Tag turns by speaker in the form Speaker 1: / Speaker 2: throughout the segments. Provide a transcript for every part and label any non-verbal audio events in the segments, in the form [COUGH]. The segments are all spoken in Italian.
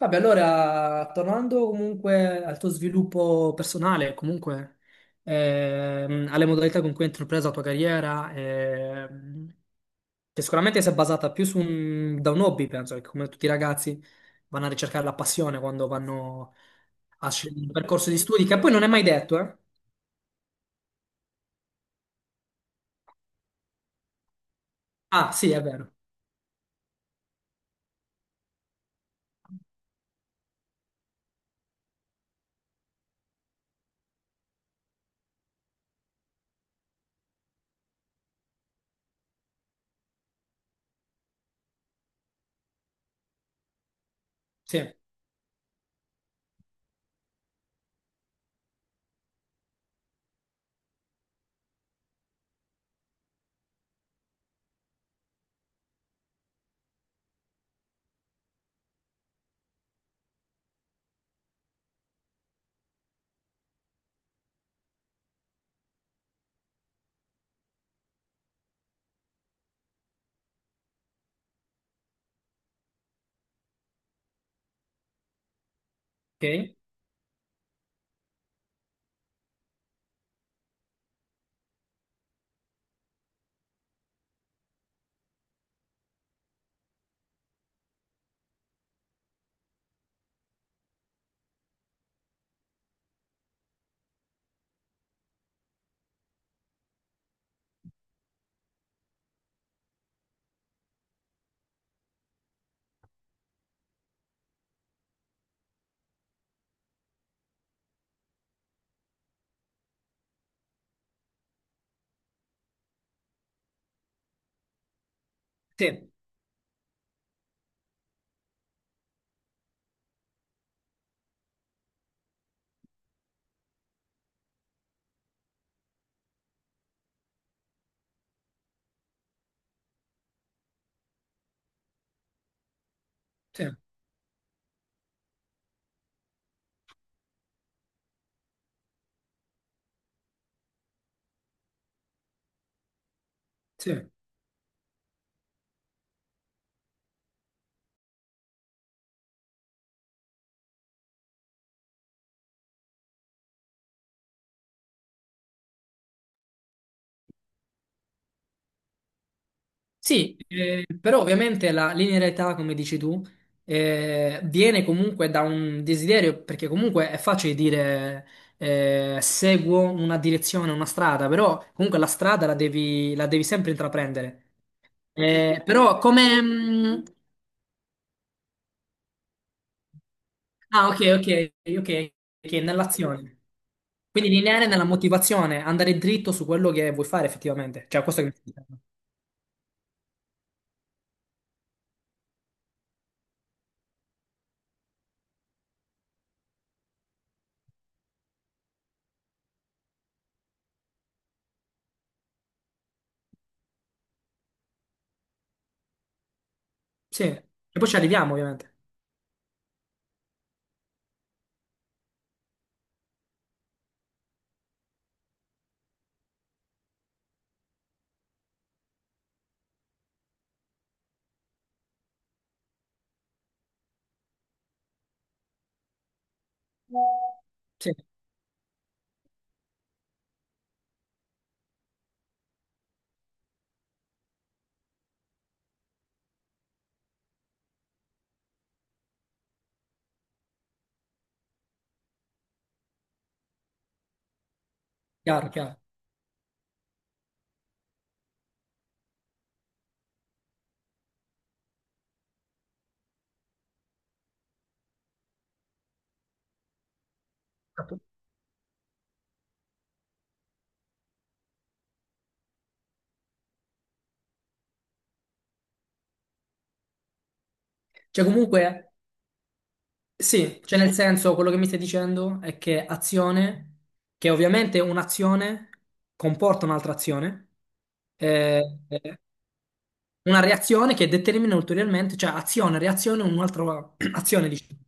Speaker 1: Vabbè, allora, tornando comunque al tuo sviluppo personale, comunque alle modalità con cui hai intrapreso la tua carriera, che sicuramente si è basata più su un, da un hobby, penso, che come tutti i ragazzi vanno a ricercare la passione quando vanno a scegliere un percorso di studi, che poi non è mai detto, eh? Ah, sì, è vero. Sì, ok. Sì, sì, sì. Sì, però ovviamente la linearità, come dici tu, viene comunque da un desiderio, perché comunque è facile dire seguo una direzione, una strada, però comunque la strada la devi sempre intraprendere. Però come... ah, ok, ok, ok, ok, ok, nell'azione. Quindi lineare nella motivazione, andare dritto su quello che vuoi fare effettivamente. Cioè, questo che mi stai dicendo. Sì, e poi ci arriviamo ovviamente. Sì, chiaro, chiaro. Esatto. Cioè, comunque... Sì, cioè nel senso quello che mi stai dicendo è che azione, che ovviamente un'azione comporta un'altra azione, eh, eh, una reazione che determina ulteriormente, cioè azione, reazione, un'altra [CLEARS THROAT] azione, diciamo.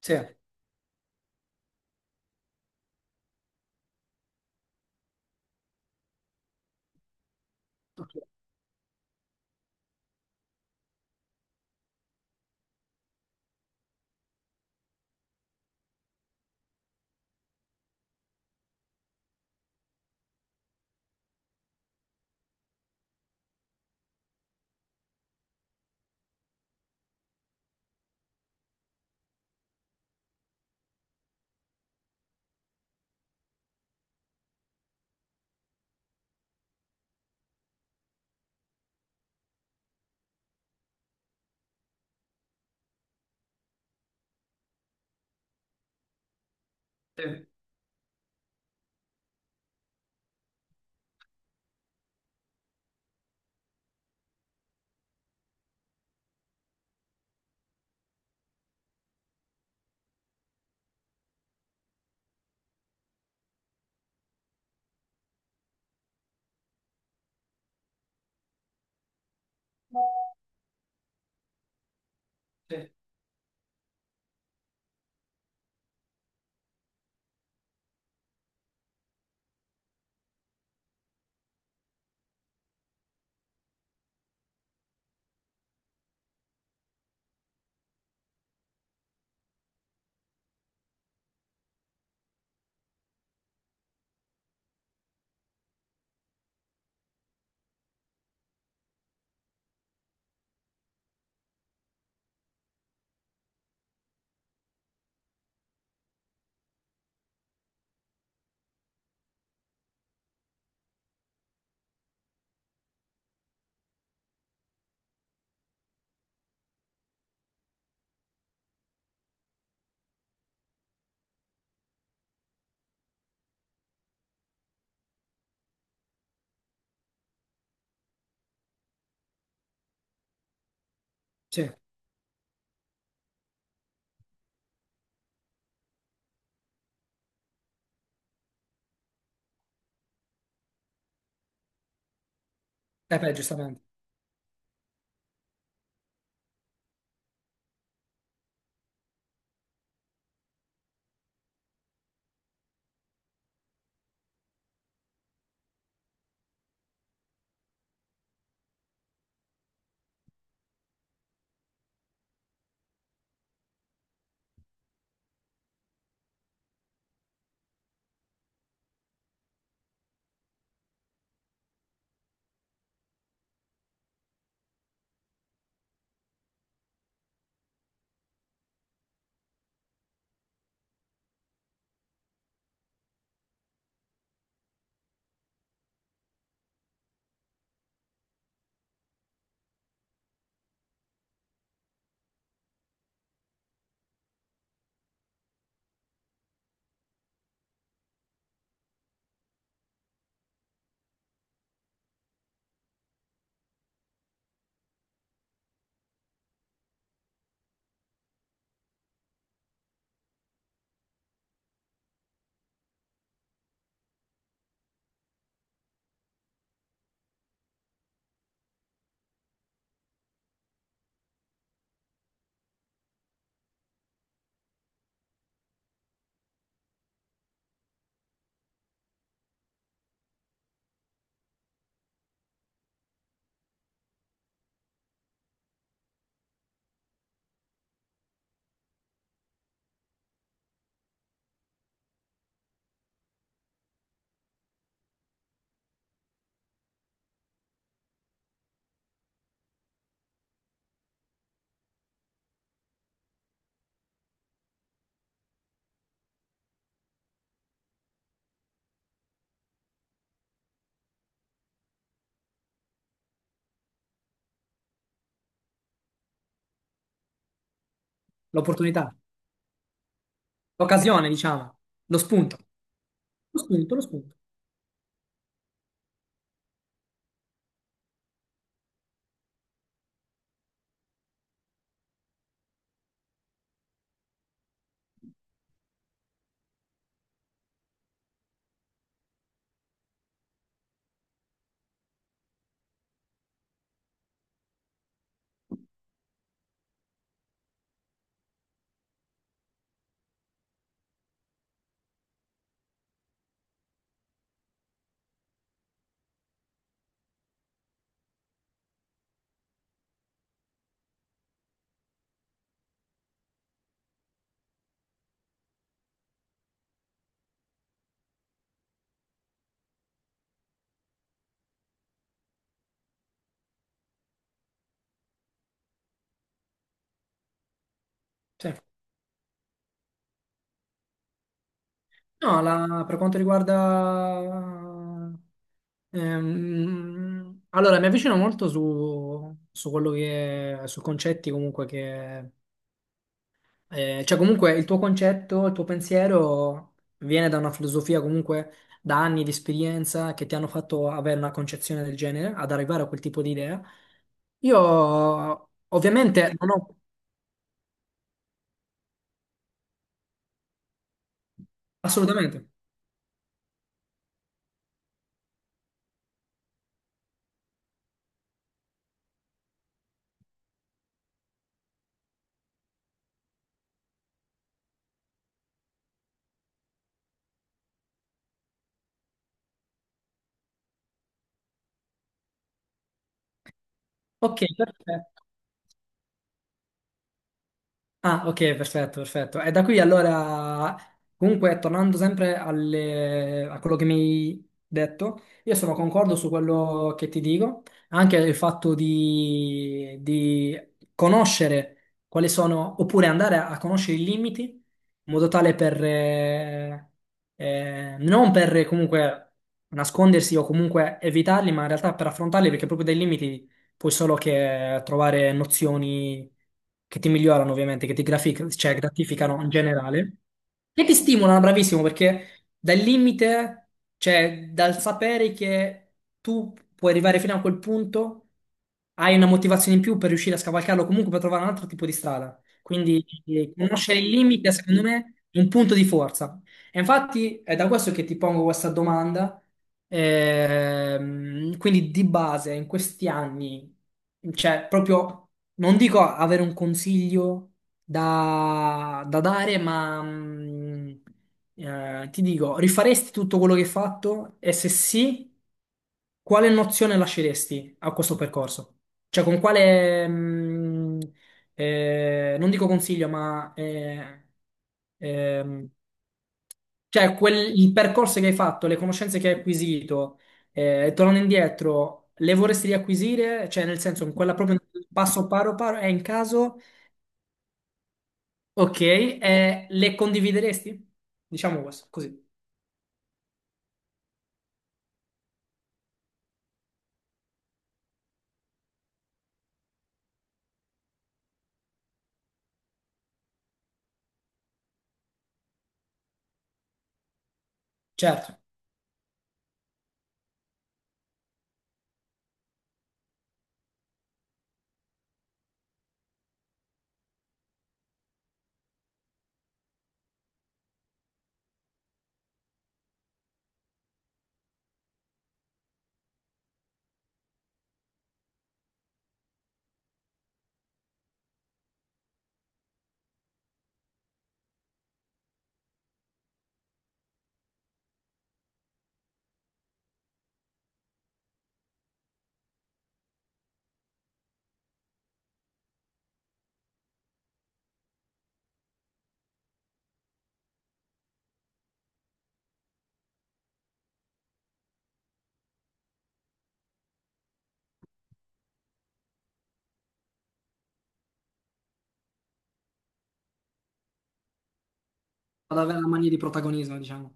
Speaker 1: Sì, ok, sì, sì, sì, eh beh, giustamente, l'opportunità, l'occasione, diciamo, lo spunto, lo spunto, lo spunto, sì. No, la- per quanto riguarda... allora, mi avvicino molto su, su quello che... su concetti comunque che... cioè comunque il tuo concetto, il tuo pensiero viene da una filosofia comunque da anni di esperienza che ti hanno fatto avere una concezione del genere, ad arrivare a quel tipo di idea. Io ovviamente non ho... Assolutamente. Ok, perfetto. Ah, ok, perfetto, perfetto. E da qui allora, comunque, tornando sempre alle- a quello che mi hai detto, io sono concordo su quello che ti dico, anche il fatto di conoscere quali sono, oppure andare a conoscere i limiti, in modo tale per, non per comunque nascondersi o comunque evitarli, ma in realtà per affrontarli, perché proprio dai limiti puoi solo che trovare nozioni che ti migliorano ovviamente, che ti grafic- cioè, gratificano in generale e ti stimolano, bravissimo, perché dal limite, cioè dal sapere che tu puoi arrivare fino a quel punto, hai una motivazione in più per riuscire a scavalcarlo comunque per trovare un altro tipo di strada. Quindi conoscere il limite, secondo me, è un punto di forza. E infatti è da questo che ti pongo questa domanda. Quindi di base in questi anni, cioè proprio, non dico avere un consiglio da, da dare, ma ti dico, rifaresti tutto quello che hai fatto? E se sì, quale nozione lasceresti a questo percorso? Cioè con quale, non dico consiglio, ma ehm, cioè, quel- il percorso che hai fatto, le conoscenze che hai acquisito, tornando indietro, le vorresti riacquisire? Cioè, nel senso, in quella proprio passo paro paro, è in caso, ok, le condivideresti? Diciamo questo, così. Certo, ad avere la mania di protagonismo, diciamo.